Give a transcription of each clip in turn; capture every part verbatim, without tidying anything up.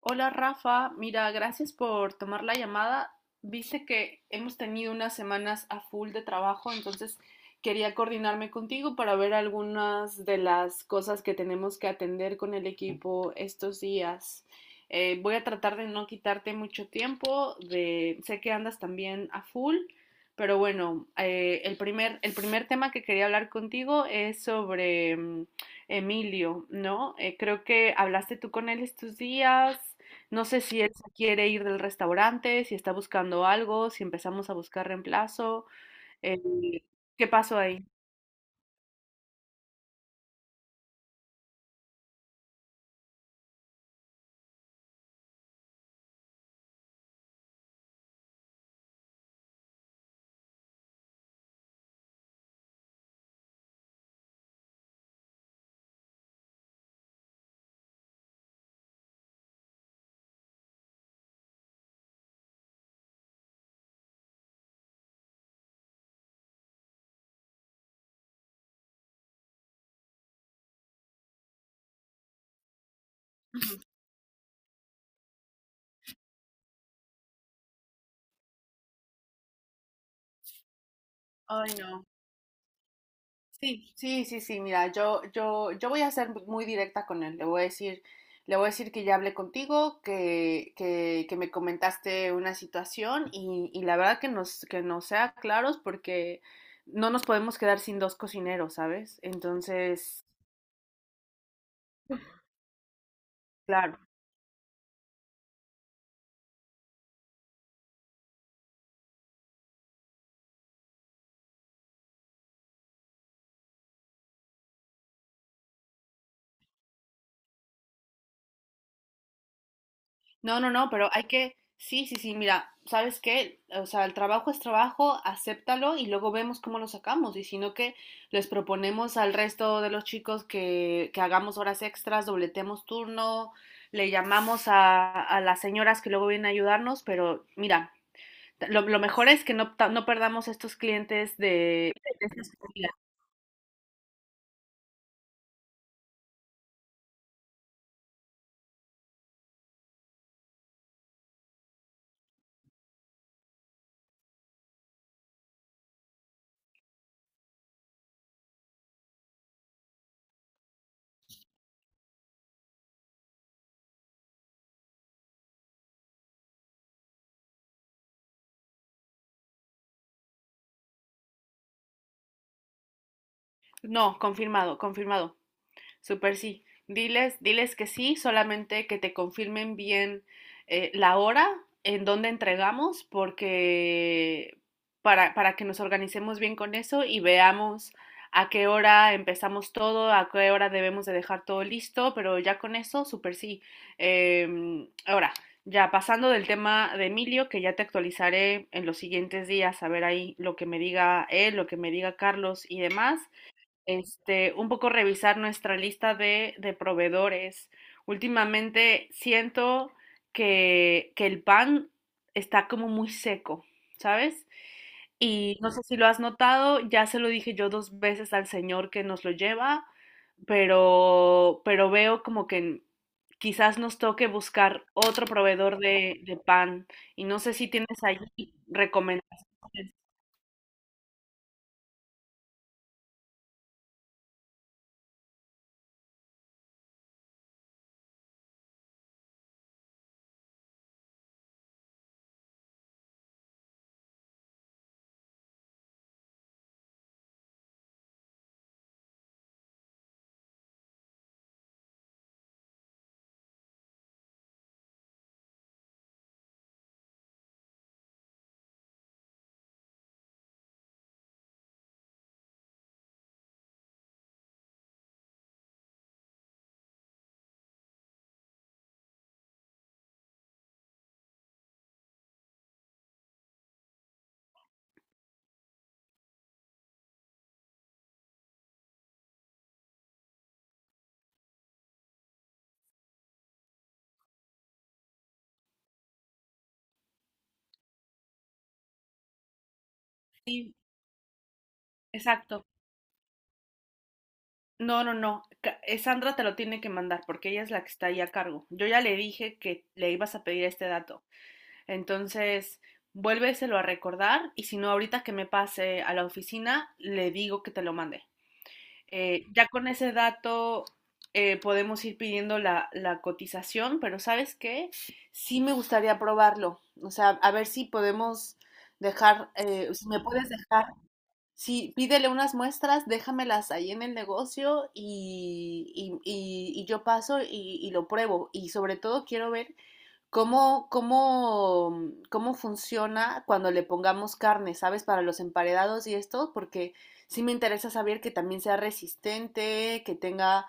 Hola Rafa, mira, gracias por tomar la llamada. Viste que hemos tenido unas semanas a full de trabajo, entonces quería coordinarme contigo para ver algunas de las cosas que tenemos que atender con el equipo estos días. Eh, voy a tratar de no quitarte mucho tiempo, de, sé que andas también a full, pero bueno, eh, el primer, el primer tema que quería hablar contigo es sobre mm, Emilio, ¿no? Eh, creo que hablaste tú con él estos días. No sé si él se quiere ir del restaurante, si está buscando algo, si empezamos a buscar reemplazo. eh, ¿Qué pasó ahí? Ay, no. Sí, sí, sí, sí. Mira, yo, yo, yo voy a ser muy directa con él. Le voy a decir, le voy a decir que ya hablé contigo, que, que, que me comentaste una situación y, y la verdad que nos, que nos sea claros porque no nos podemos quedar sin dos cocineros, ¿sabes? Entonces, claro. No, no, no, pero hay que, sí, sí, sí, mira, ¿sabes qué? O sea, el trabajo es trabajo, acéptalo y luego vemos cómo lo sacamos. Y si no, que les proponemos al resto de los chicos que, que hagamos horas extras, dobletemos turno, le llamamos a, a las señoras que luego vienen a ayudarnos, pero mira, lo, lo mejor es que no, ta- no perdamos estos clientes de, de estas comidas. No, confirmado, confirmado. Súper sí. Diles, diles que sí, solamente que te confirmen bien eh, la hora en donde entregamos, porque para, para que nos organicemos bien con eso y veamos a qué hora empezamos todo, a qué hora debemos de dejar todo listo, pero ya con eso, súper sí. Em, ahora, ya pasando del tema de Emilio, que ya te actualizaré en los siguientes días, a ver ahí lo que me diga él, lo que me diga Carlos y demás este, un poco revisar nuestra lista de, de proveedores. Últimamente siento que, que el pan está como muy seco, ¿sabes? Y no sé si lo has notado, ya se lo dije yo dos veces al señor que nos lo lleva, pero, pero veo como que quizás nos toque buscar otro proveedor de, de pan. Y no sé si tienes ahí recomendaciones. Sí, exacto. No, no, no. Ca- eh, Sandra te lo tiene que mandar porque ella es la que está ahí a cargo. Yo ya le dije que le ibas a pedir este dato. Entonces, vuélveselo a recordar y si no, ahorita que me pase a la oficina, le digo que te lo mande. Eh, ya con ese dato eh, podemos ir pidiendo la, la cotización, pero ¿sabes qué? Sí me gustaría probarlo. O sea, a ver si podemos dejar, eh, si me puedes dejar. Sí, pídele unas muestras, déjamelas ahí en el negocio y, y- y- y yo paso y, y lo pruebo. Y sobre todo quiero ver cómo, cómo, cómo funciona cuando le pongamos carne, ¿sabes? Para los emparedados y esto, porque sí me interesa saber que también sea resistente, que tenga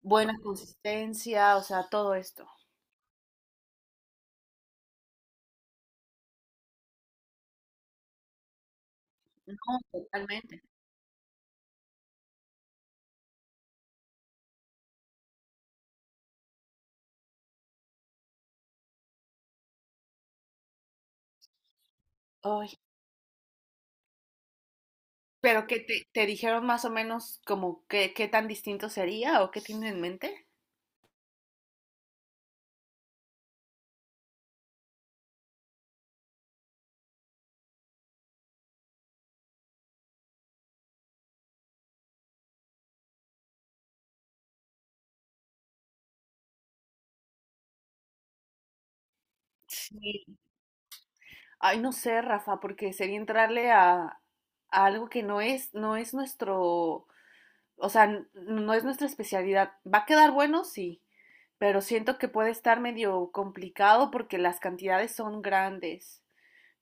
buena consistencia, o sea, todo esto. No, totalmente. Ay, pero ¿qué te, te dijeron más o menos como qué, qué tan distinto sería o qué tienen en mente? Sí, ay, no sé, Rafa, porque sería entrarle a, a algo que no es, no es nuestro, o sea, n- no es nuestra especialidad. ¿Va a quedar bueno? Sí, pero siento que puede estar medio complicado porque las cantidades son grandes.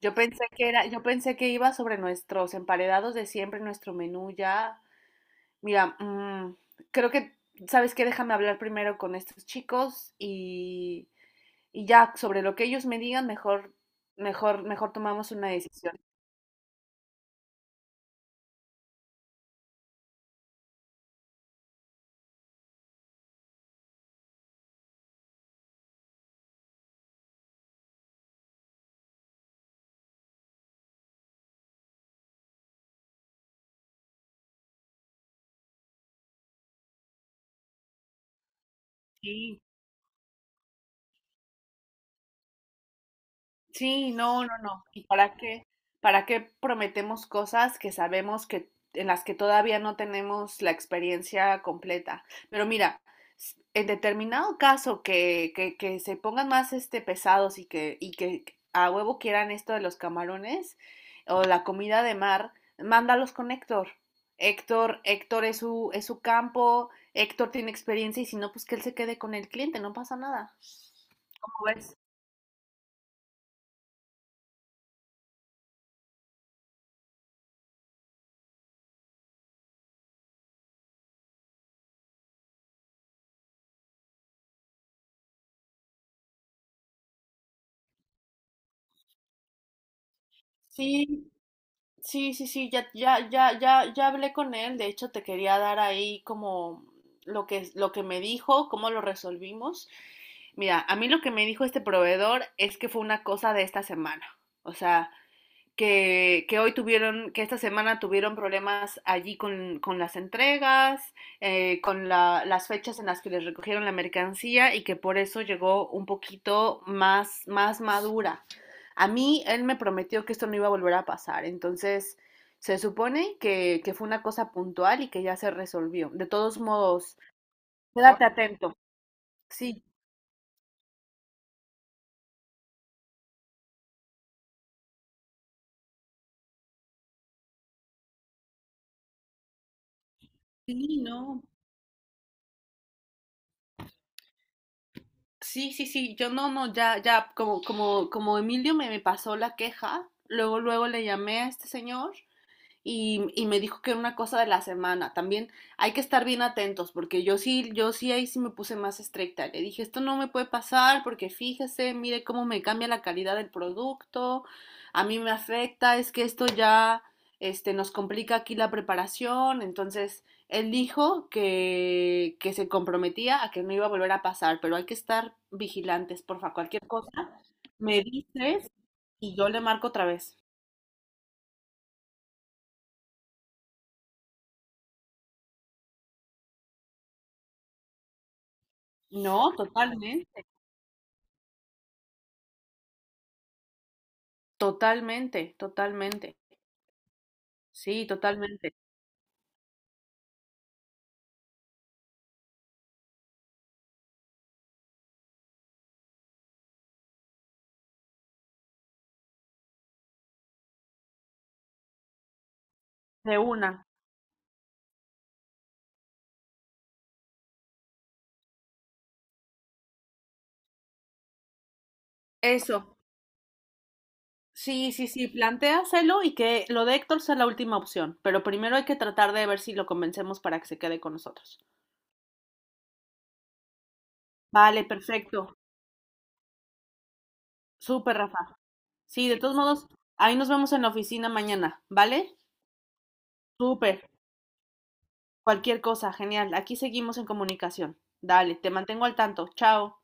Yo pensé que era, yo pensé que iba sobre nuestros emparedados de siempre, nuestro menú ya. Mira, mm, creo que, ¿sabes qué? Déjame hablar primero con estos chicos y, y ya sobre lo que ellos me digan, mejor, mejor, mejor tomamos una decisión. Sí, sí, no, no, no. ¿Y para qué? ¿Para qué prometemos cosas que sabemos que en las que todavía no tenemos la experiencia completa? Pero mira, s- en determinado caso que, que, que se pongan más este pesados y que, y que a huevo quieran esto de los camarones o la comida de mar, mándalos con Héctor. Héctor, Héctor es su, es su campo, Héctor tiene experiencia y si no, pues que él se quede con el cliente, no pasa nada. ¿Cómo ves? Sí. Sí, sí, sí, ya, ya, ya, ya, ya hablé con él. De hecho, te quería dar ahí como lo que, lo que me dijo, cómo lo resolvimos. Mira, a mí lo que me dijo este proveedor es que fue una cosa de esta semana. O sea, que, que hoy tuvieron, que esta semana tuvieron problemas allí con, con las entregas, eh, con la- las fechas en las que les recogieron la mercancía y que por eso llegó un poquito más, más madura. A mí él me prometió que esto no iba a volver a pasar, entonces se supone que, que fue una cosa puntual y que ya se resolvió. De todos modos, quédate atento. Sí, sí, no, sí, sí, sí, yo no, no, ya, ya, como, como, como Emilio me, me pasó la queja, luego, luego le llamé a este señor y, y me dijo que era una cosa de la semana. También hay que estar bien atentos, porque yo sí, yo sí ahí sí me puse más estricta. Le dije, esto no me puede pasar, porque fíjese, mire cómo me cambia la calidad del producto, a mí me afecta, es que esto ya este, nos complica aquí la preparación. Entonces, él dijo que, que se comprometía a que no iba a volver a pasar, pero hay que estar vigilantes, porfa, cualquier cosa, me dices y yo le marco otra vez. No, totalmente. Totalmente, totalmente. Sí, totalmente. De una. Eso. Sí, sí, sí, plantéaselo y que lo de Héctor sea la última opción, pero primero hay que tratar de ver si lo convencemos para que se quede con nosotros. Vale, perfecto. Súper, Rafa. Sí, de todos modos, ahí nos vemos en la oficina mañana, ¿vale? Súper. Cualquier cosa, genial. Aquí seguimos en comunicación. Dale, te mantengo al tanto. Chao.